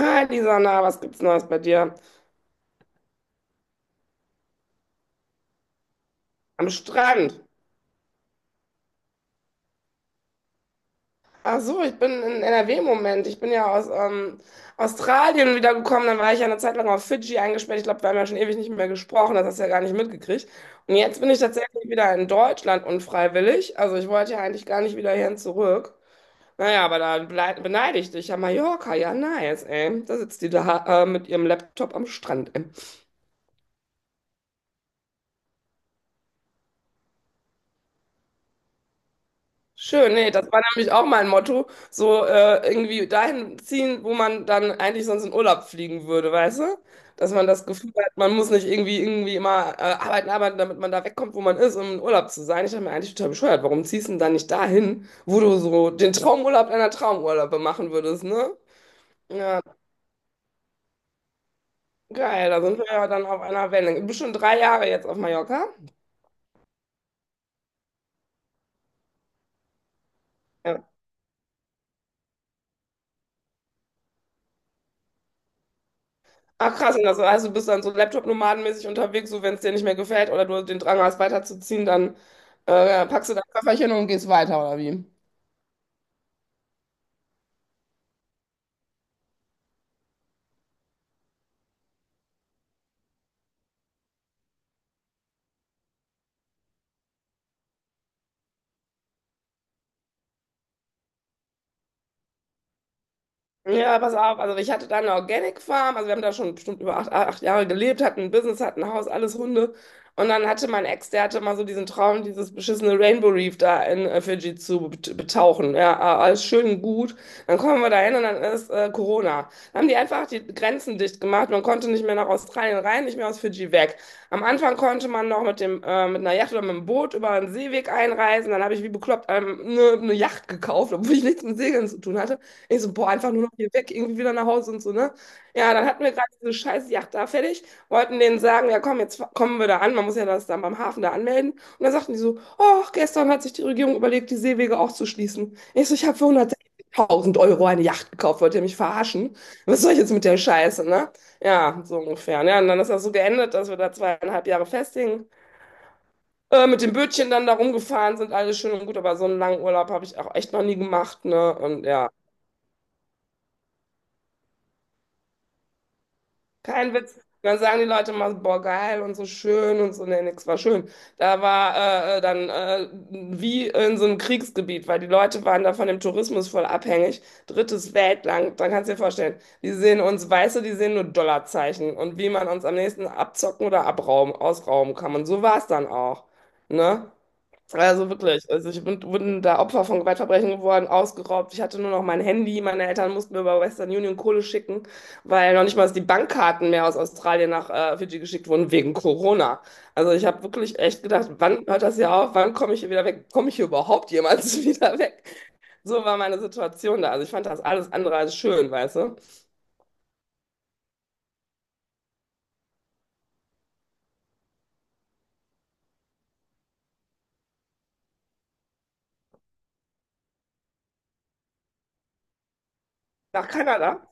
Hi Lisana, was gibt's Neues bei dir? Am Strand. Ach so, ich bin in NRW im Moment. Ich bin ja aus Australien wiedergekommen. Dann war ich ja eine Zeit lang auf Fidschi eingesperrt. Ich glaube, wir haben ja schon ewig nicht mehr gesprochen. Das hast du ja gar nicht mitgekriegt. Und jetzt bin ich tatsächlich wieder in Deutschland unfreiwillig. Also ich wollte ja eigentlich gar nicht wieder hierhin zurück. Naja, aber da beneide ich dich. Ja, Mallorca, ja, nice, ey. Da sitzt die da mit ihrem Laptop am Strand. Schön, nee, das war nämlich auch mein Motto, so irgendwie dahin ziehen, wo man dann eigentlich sonst in Urlaub fliegen würde, weißt du? Dass man das Gefühl hat, man muss nicht irgendwie immer arbeiten, damit man da wegkommt, wo man ist, um in Urlaub zu sein. Ich habe mir eigentlich total bescheuert, warum ziehst du denn dann nicht dahin, wo du so den Traumurlaub deiner Traumurlaube machen würdest, ne? Ja, geil, da sind wir ja dann auf einer Wellenlänge. Du bist schon 3 Jahre jetzt auf Mallorca. Ja. Ach krass, und das heißt, du bist dann so Laptop-nomadenmäßig unterwegs, so wenn es dir nicht mehr gefällt oder du den Drang hast, weiterzuziehen, dann packst du dein Köfferchen und gehst weiter, oder wie? Ja, pass auf, also ich hatte da eine Organic Farm, also wir haben da schon bestimmt über 8 Jahre gelebt, hatten ein Business, hatten ein Haus, alles Hunde. Und dann hatte mein Ex, der hatte mal so diesen Traum, dieses beschissene Rainbow Reef da in Fidschi zu betauchen. Ja, alles schön und gut. Dann kommen wir da hin und dann ist Corona. Dann haben die einfach die Grenzen dicht gemacht. Man konnte nicht mehr nach Australien rein, nicht mehr aus Fidschi weg. Am Anfang konnte man noch mit mit einer Yacht oder mit dem Boot über einen Seeweg einreisen. Dann habe ich wie bekloppt eine Yacht gekauft, obwohl ich nichts mit Segeln zu tun hatte. Ich so, boah, einfach nur noch hier weg, irgendwie wieder nach Hause und so, ne? Ja, dann hatten wir gerade diese scheiß Yacht da fertig, wollten denen sagen, ja komm, jetzt kommen wir da an, man muss ja das dann beim Hafen da anmelden. Und dann sagten die so, oh, gestern hat sich die Regierung überlegt, die Seewege auch zu schließen. Ich so, ich habe für 160.000 € eine Yacht gekauft, wollt ihr mich verarschen? Was soll ich jetzt mit der Scheiße, ne? Ja, so ungefähr. Ja, und dann ist das so geendet, dass wir da 2,5 Jahre festhingen. Mit dem Bötchen dann da rumgefahren sind, alles schön und gut, aber so einen langen Urlaub habe ich auch echt noch nie gemacht, ne? Und ja. Kein Witz. Dann sagen die Leute immer, so, boah, geil und so schön und so, nee, nix war schön. Da war dann wie in so einem Kriegsgebiet, weil die Leute waren da von dem Tourismus voll abhängig. Drittes Weltland, dann kannst du dir vorstellen, die sehen uns Weiße, die sehen nur Dollarzeichen und wie man uns am nächsten abzocken oder abrauben, ausrauben kann. Und so war es dann auch, ne? Also wirklich, also ich bin da Opfer von Gewaltverbrechen geworden, ausgeraubt. Ich hatte nur noch mein Handy. Meine Eltern mussten mir über Western Union Kohle schicken, weil noch nicht mal die Bankkarten mehr aus Australien nach Fidschi geschickt wurden wegen Corona. Also ich habe wirklich echt gedacht, wann hört das hier auf? Wann komme ich hier wieder weg? Komme ich hier überhaupt jemals wieder weg? So war meine Situation da. Also ich fand das alles andere als schön, weißt du? Nach Kanada.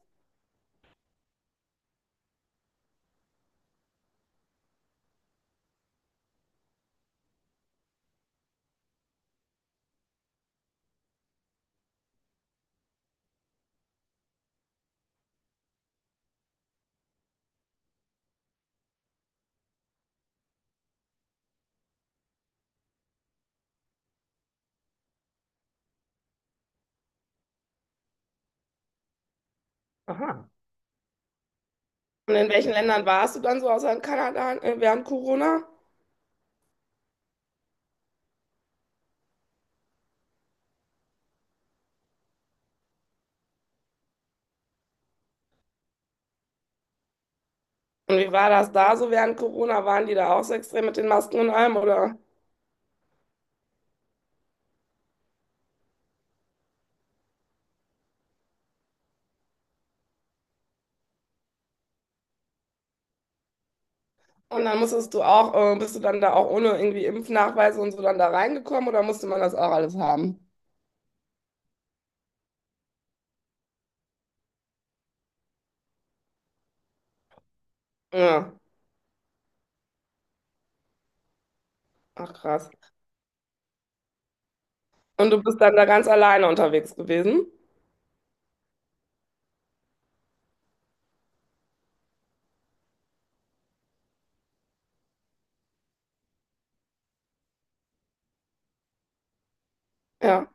Aha. Und in welchen Ländern warst du dann so außer in Kanada während Corona? Und wie war das da so während Corona? Waren die da auch so extrem mit den Masken und allem, oder? Und dann musstest du bist du dann da auch ohne irgendwie Impfnachweise und so dann da reingekommen oder musste man das auch alles haben? Ja, ach krass. Und du bist dann da ganz alleine unterwegs gewesen? Ja,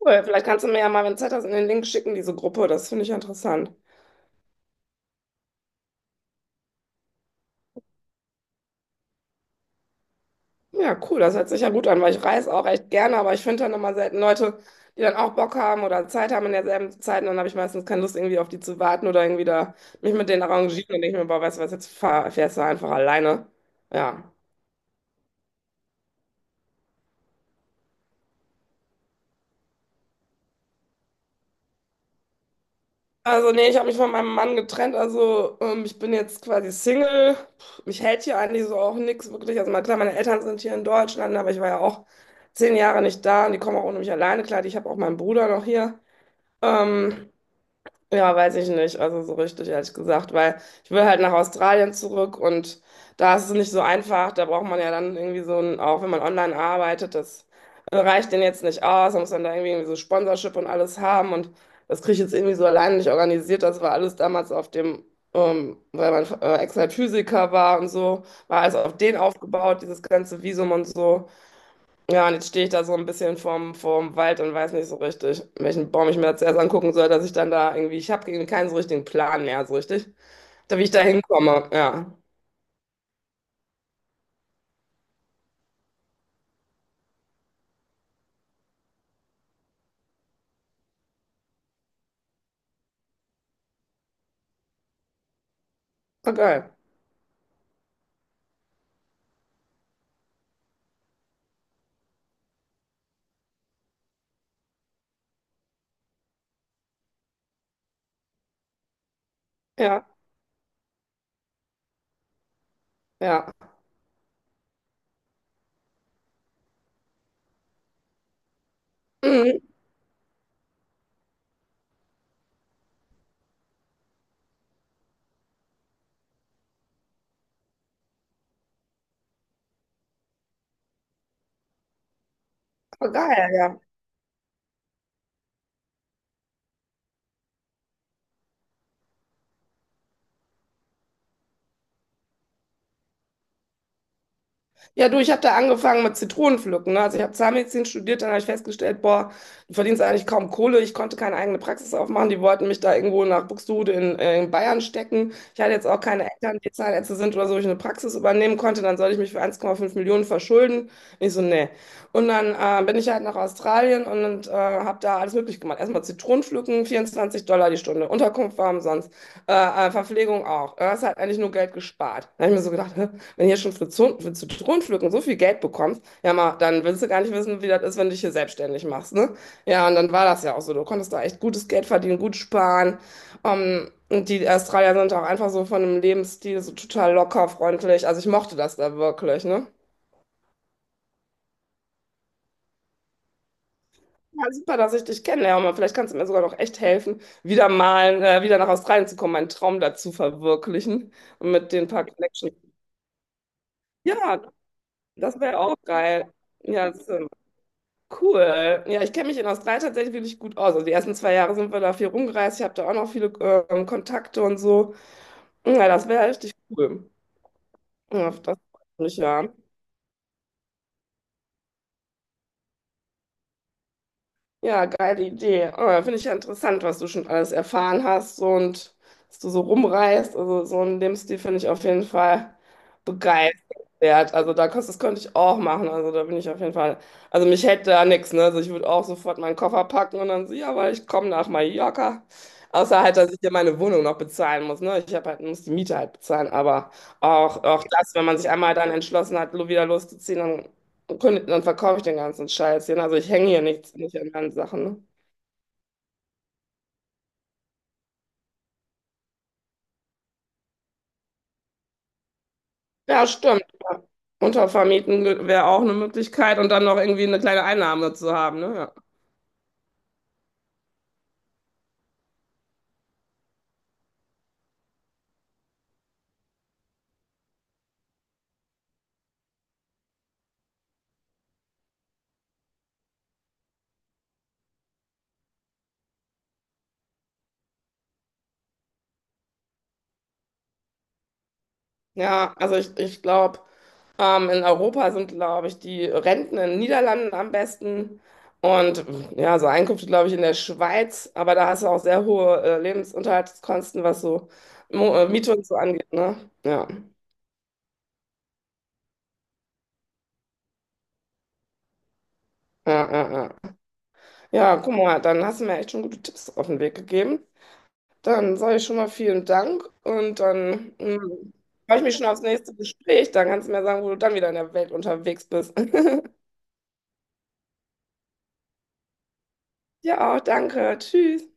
cool. Vielleicht kannst du mir ja mal, wenn du Zeit hast, in den Link schicken, diese Gruppe. Das finde ich interessant. Ja, cool, das hört sich ja gut an, weil ich reise auch echt gerne, aber ich finde dann immer selten Leute, die dann auch Bock haben oder Zeit haben in derselben Zeit und dann habe ich meistens keine Lust, irgendwie auf die zu warten oder irgendwie da mich mit denen arrangieren und denke ich mir, boah, weißt du was, jetzt fährst du einfach alleine. Ja. Also nee, ich habe mich von meinem Mann getrennt, also ich bin jetzt quasi Single. Puh, mich hält hier eigentlich so auch nichts wirklich. Also mal klar, meine Eltern sind hier in Deutschland, aber ich war ja auch 10 Jahre nicht da und die kommen auch ohne mich alleine. Klar, ich habe auch meinen Bruder noch hier. Ähm, Ja, weiß ich nicht. Also so richtig, ehrlich gesagt, weil ich will halt nach Australien zurück und da ist es nicht so einfach. Da braucht man ja dann irgendwie so ein, auch wenn man online arbeitet, das reicht denen jetzt nicht aus. Man muss dann da irgendwie so Sponsorship und alles haben und das kriege ich jetzt irgendwie so alleine nicht organisiert. Das war alles damals auf weil mein Ex halt Physiker war und so, war alles auf den aufgebaut, dieses ganze Visum und so. Ja, und jetzt stehe ich da so ein bisschen vorm Wald und weiß nicht so richtig, welchen Baum ich mir jetzt erst angucken soll, dass ich dann da irgendwie, ich habe keinen so richtigen Plan mehr, so richtig, da wie ich da hinkomme. Ja, voll geil. Ja, ja. Mhm, voll geil, ja. Ja, du, ich habe da angefangen mit Zitronenpflücken. Ne? Also ich habe Zahnmedizin studiert, dann habe ich festgestellt, boah, du verdienst eigentlich kaum Kohle. Ich konnte keine eigene Praxis aufmachen. Die wollten mich da irgendwo nach Buxtehude in Bayern stecken. Ich hatte jetzt auch keine Eltern, die Zahnärzte sind oder so, wo ich eine Praxis übernehmen konnte. Dann soll ich mich für 1,5 Millionen verschulden. Ich so, nee. Und dann bin ich halt nach Australien und habe da alles möglich gemacht. Erstmal Zitronenpflücken, 24 $ die Stunde. Unterkunft war umsonst. Verpflegung auch. Das hat eigentlich nur Geld gespart. Da habe ich mir so gedacht, hä? Wenn du hier schon für Zitronenpflücken so viel Geld bekommst, ja mal, dann willst du gar nicht wissen, wie das ist, wenn du dich hier selbstständig machst, ne? Ja, und dann war das ja auch so. Du konntest da echt gutes Geld verdienen, gut sparen. Und die Australier sind auch einfach so von dem Lebensstil so total locker, freundlich. Also ich mochte das da wirklich, ne? Ja, super, dass ich dich kennenlerne. Mann. Vielleicht kannst du mir sogar noch echt helfen, wieder mal wieder nach Australien zu kommen, meinen Traum dazu verwirklichen und mit den paar Connections. Ja, das wäre auch geil. Ja, cool. Ja, ich kenne mich in Australien tatsächlich wirklich gut aus. Also die ersten 2 Jahre sind wir da viel rumgereist. Ich habe da auch noch viele Kontakte und so. Ja, das wäre richtig cool. Ja, das freut mich ja. Ja, geile Idee. Oh, ja, finde ich ja interessant, was du schon alles erfahren hast so, und dass du so rumreist. Also so einen Lebensstil finde ich auf jeden Fall begeisternswert. Also da, das könnte ich auch machen. Also da bin ich auf jeden Fall. Also mich hält da nichts, ne? Also ich würde auch sofort meinen Koffer packen und dann so, ja, weil ich komme nach Mallorca. Außer halt, dass ich hier meine Wohnung noch bezahlen muss. Ne? Ich hab halt, muss die Miete halt bezahlen. Aber auch das, wenn man sich einmal dann entschlossen hat, wieder loszuziehen, kündigt, dann verkaufe ich den ganzen Scheiß hier. Ne? Also ich hänge hier nicht an meinen Sachen. Ne? Ja, stimmt. Ja. Untervermieten wäre auch eine Möglichkeit und dann noch irgendwie eine kleine Einnahme zu haben. Ne? Ja. Ja, also ich glaube, in Europa sind, glaube ich, die Renten in den Niederlanden am besten und ja, so Einkünfte, glaube ich, in der Schweiz, aber da hast du auch sehr hohe Lebensunterhaltskosten, was so Mo Miete und so angeht, ne? Ja. Ja, ja, ja. Ja, guck mal, dann hast du mir echt schon gute Tipps auf den Weg gegeben. Dann sage ich schon mal vielen Dank und dann freue ich mich schon aufs nächste Gespräch. Dann kannst du mir sagen, wo du dann wieder in der Welt unterwegs bist. Ja, auch danke. Tschüss.